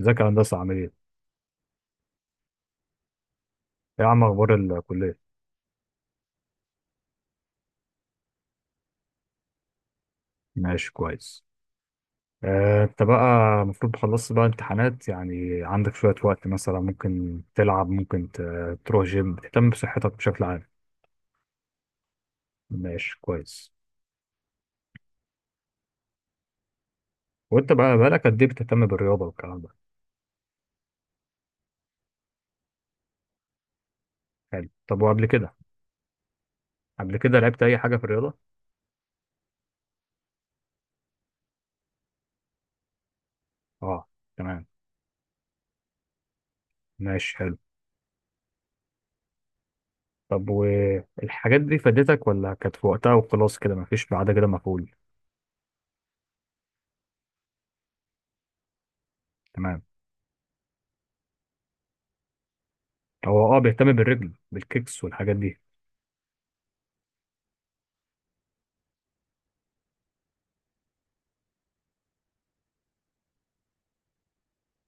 ازيك يا هندسة؟ عامل ايه؟ ايه يا عم، اخبار الكلية؟ ماشي كويس. انت بقى المفروض خلصت بقى امتحانات، يعني عندك شوية وقت، مثلا ممكن تلعب، ممكن تروح جيم، بتهتم بصحتك بشكل عام. ماشي كويس. وانت بقى بقالك قد ايه بتهتم بالرياضة والكلام ده؟ حلو، طب وقبل كده قبل كده لعبت أي حاجة في الرياضة؟ اه، تمام. ماشي حلو. طب والحاجات دي فادتك، ولا كانت في وقتها وخلاص كده مفيش بعد كده مفعول؟ تمام. هو بيهتم بالرجل، بالكيكس والحاجات دي.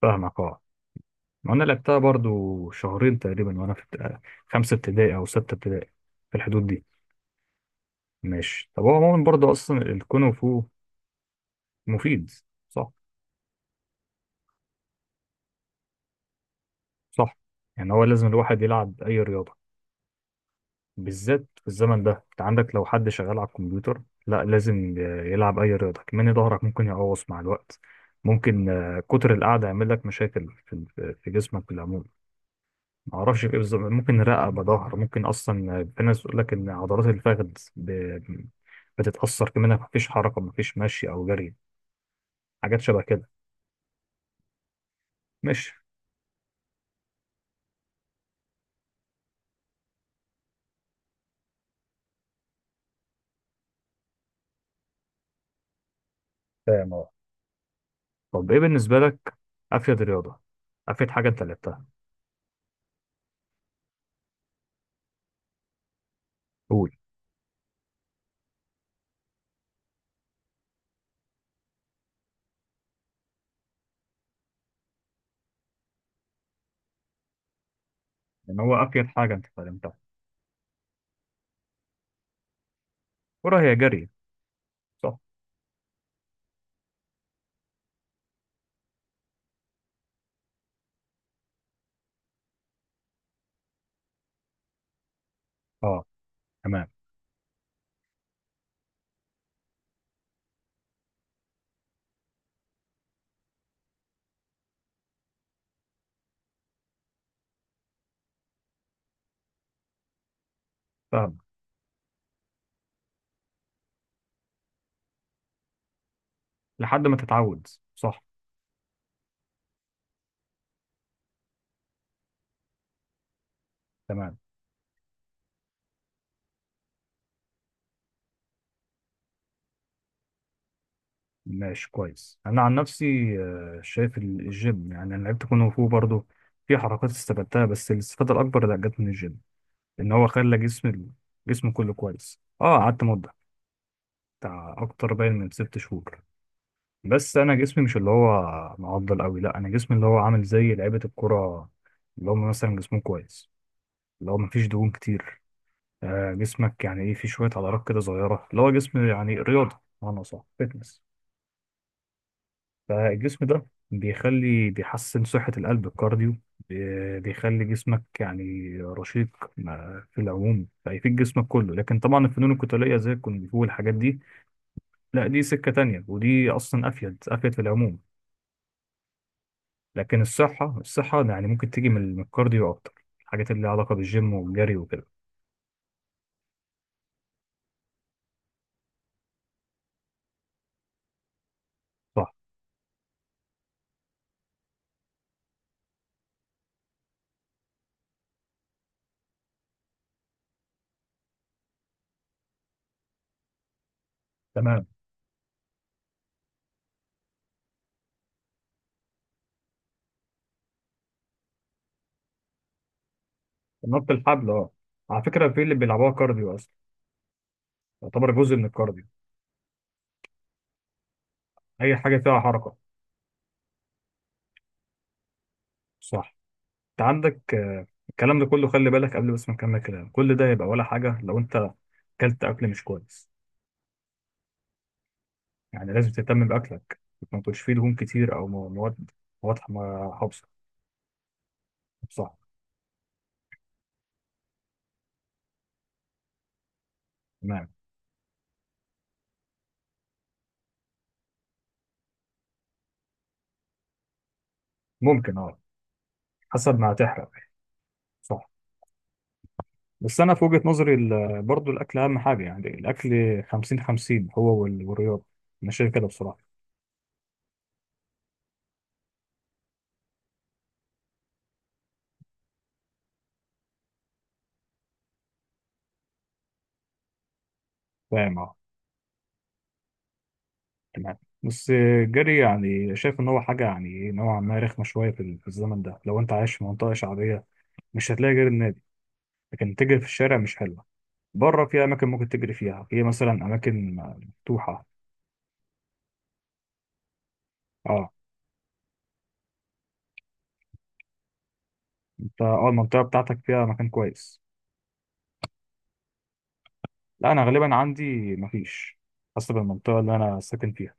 فاهمك اه. وانا لعبتها برضو شهرين تقريبا، وانا في 5 ابتدائي او 6 ابتدائي، في الحدود دي. ماشي. طب هو عموما برضو اصلا الكونغ فو مفيد. صح. صح، يعني هو لازم الواحد يلعب اي رياضه، بالذات في الزمن ده. انت عندك لو حد شغال على الكمبيوتر، لا لازم يلعب اي رياضه كمان. ظهرك ممكن يقوص مع الوقت. ممكن كتر القعده يعمل لك مشاكل في جسمك بالعموم. ما اعرفش ايه بالظبط، ممكن رقبه، ظهر، ممكن اصلا في ناس بتقول لك ان عضلات الفخذ ب- بتتاثر كمان، ما فيش حركه، ما فيش مشي او جري، حاجات شبه كده. ماشي، فاهم اه. طب ايه بالنسبه لك، افيد رياضه افيد حاجه انت لعبتها؟ قول. يعني هو افيد حاجه انت اتعلمتها. كرة هي جري، صح. اه، تمام. فاهم، لحد ما تتعود. صح، تمام. ماشي كويس. انا عن نفسي شايف الجيم، يعني انا لعبت كونغ فو برضه، في حركات استفدتها، بس الاستفاده الاكبر اللي جت من الجيم ان هو خلى جسمه كله كويس. اه قعدت مده بتاع اكتر باين من 6 شهور. بس انا جسمي مش اللي هو معضل قوي، لا انا جسمي اللي هو عامل زي لعيبه الكره، اللي هم مثلا جسمهم كويس، اللي هو مفيش دهون كتير. جسمك يعني ايه، في شويه عضلات كده صغيره، اللي هو جسم يعني رياضه، معنى صح فتنس. فالجسم ده بيحسن صحة القلب، الكارديو، بيخلي جسمك يعني رشيق. في العموم فيفيد جسمك كله، لكن طبعا الفنون القتالية زي الكونغ فو والحاجات دي، لا دي سكة تانية، ودي أصلا أفيد أفيد في العموم. لكن الصحة، الصحة يعني ممكن تيجي من الكارديو أكتر، الحاجات اللي لها علاقة بالجيم والجري وكده. صح، تمام. نط الحبل، اه على فكرة في اللي بيلعبوها كارديو أصلا، يعتبر جزء من الكارديو. أي حاجة فيها حركة. صح. انت عندك الكلام ده كله خلي بالك، قبل بس ما نكمل كلام، كل ده يبقى ولا حاجة لو انت اكلت اكل مش كويس. يعني لازم تهتم باكلك، ما تكونش فيه دهون كتير، او مواد حافظة. صح، تمام. ممكن اه، حسب ما هتحرق. صح. بس انا في وجهة نظري، برضو الاكل اهم حاجة، يعني الاكل 50 50، هو والرياضة. انا شايف كده بصراحة. فاهم اه، تمام. بس الجري يعني شايف ان هو حاجة يعني نوعا ما رخمة شوية في في الزمن ده، لو انت عايش في منطقة شعبية مش هتلاقي غير النادي، لكن تجري في الشارع مش حلوة. بره في أماكن ممكن تجري فيها، في مثلا أماكن مفتوحة. اه. انت المنطقة بتاعتك فيها مكان كويس؟ لا أنا غالبا عندي مفيش، حسب المنطقة اللي أنا ساكن فيها.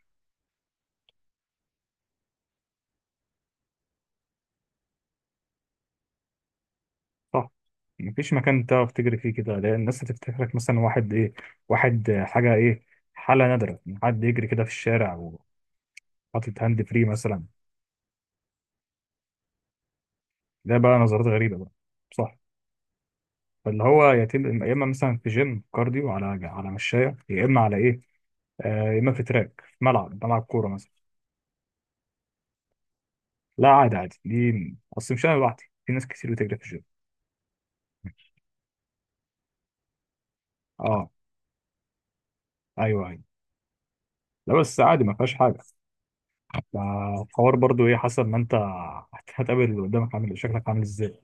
صح. مفيش مكان تعرف تجري فيه كده، لأن الناس هتفتكرك مثلا واحد إيه، واحد حاجة إيه، حالة نادرة إن حد يجري كده في الشارع وحاطط هاند فري مثلا. ده بقى نظرات غريبة بقى. صح. فاللي هو يتم يا إما مثلا في جيم كارديو على مشاية، يا إما على إيه آه، يا اما في تراك، في ملعب كوره مثلا. لا عادي عادي، دي اصل مش انا لوحدي، في ناس كتير بتجري في الجيم. اه ايوه ايوه. لا بس عادي ما فيهاش حاجه. فالحوار برضو ايه حسب ما انت هتقابل اللي قدامك عامل إيه، شكلك عامل ازاي.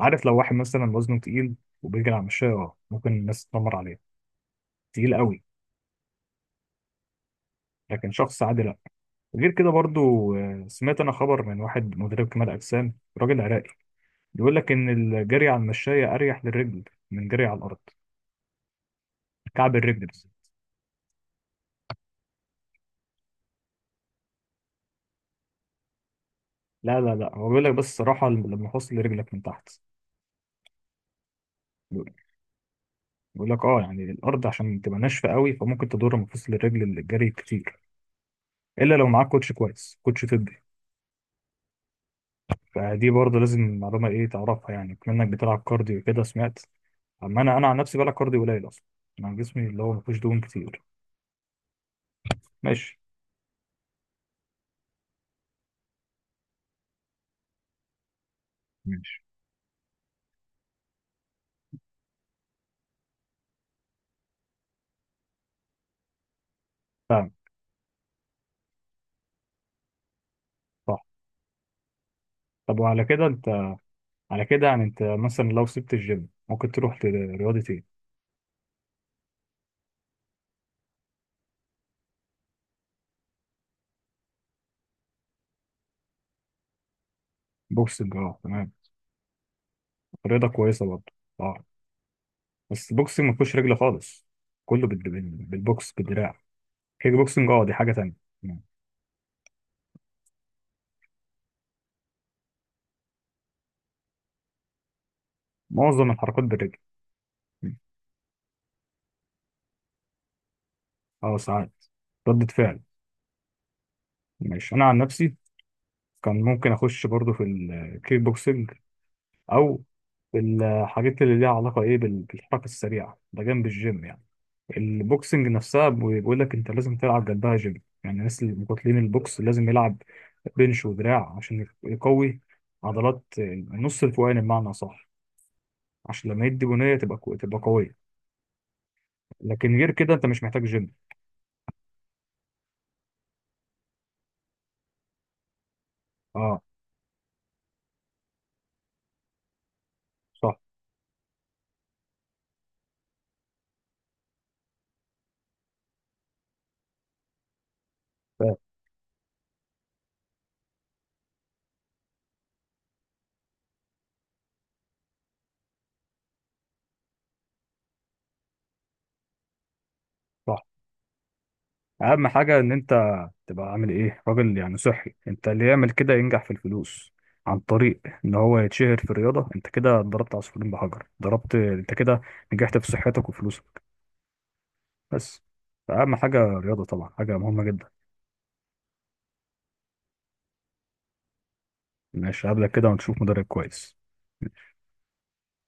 عارف لو واحد مثلا وزنه تقيل وبيجري على المشاية، اه ممكن الناس تتنمر عليه، تقيل قوي. لكن شخص عادي لا. غير كده برضو سمعت انا خبر من واحد مدرب كمال اجسام، راجل عراقي، بيقول لك ان الجري على المشاية اريح للرجل من جري على الارض، كعب الرجل. لا لا لا، هو بيقول لك بس الصراحة لما فصل رجلك من تحت. بيقول لك اه يعني الأرض عشان تبقى ناشفة قوي فممكن تضر مفاصل الرجل اللي الجري كتير، إلا لو معاك كوتش كويس، كوتش طبي. فدي برضه لازم معلومة إيه تعرفها، يعني كمنك بتلعب كارديو كده سمعت. أما أنا عن نفسي بلعب كارديو قليل أصلا، أنا جسمي اللي هو مفيهوش دهون كتير. ماشي. ماشي. صح. طب وعلى كده أنت على كده يعني أنت مثلا لو سبت الجيم ممكن تروح لرياضة إيه؟ بوكسنج أه، تمام، رياضة كويسة برضه. اه. بس البوكسنج ما فيهوش رجل خالص، كله بالبوكس، بالدراع. كيك بوكسنج، اه دي حاجه تانية يعني، معظم الحركات بالرجل. اه ساعات، ردة فعل. ماشي. انا عن نفسي كان ممكن اخش برضو في الكيك بوكسنج، او في الحاجات اللي ليها علاقه ايه بالحركه السريعه، ده جنب الجيم يعني. البوكسنج نفسها بيقول لك انت لازم تلعب جنبها جيم، يعني الناس اللي مقاتلين البوكس لازم يلعب بنش ودراع عشان يقوي عضلات النص الفوقاني بمعنى صح، عشان لما يدي بنيه تبقى تبقى قويه. لكن غير كده انت مش محتاج جيم. اه، صح. فاهم، صح. اهم حاجه ان انت تبقى عامل ايه راجل يعني صحي، انت اللي يعمل كده ينجح في الفلوس عن طريق ان هو يتشهر في الرياضه. انت كده ضربت عصفورين بحجر، ضربت انت كده، نجحت في صحتك وفلوسك بس. فاهم حاجه، الرياضه طبعا حاجه مهمه جدا. ماشي، هقابلك كده ونشوف مدرب كويس.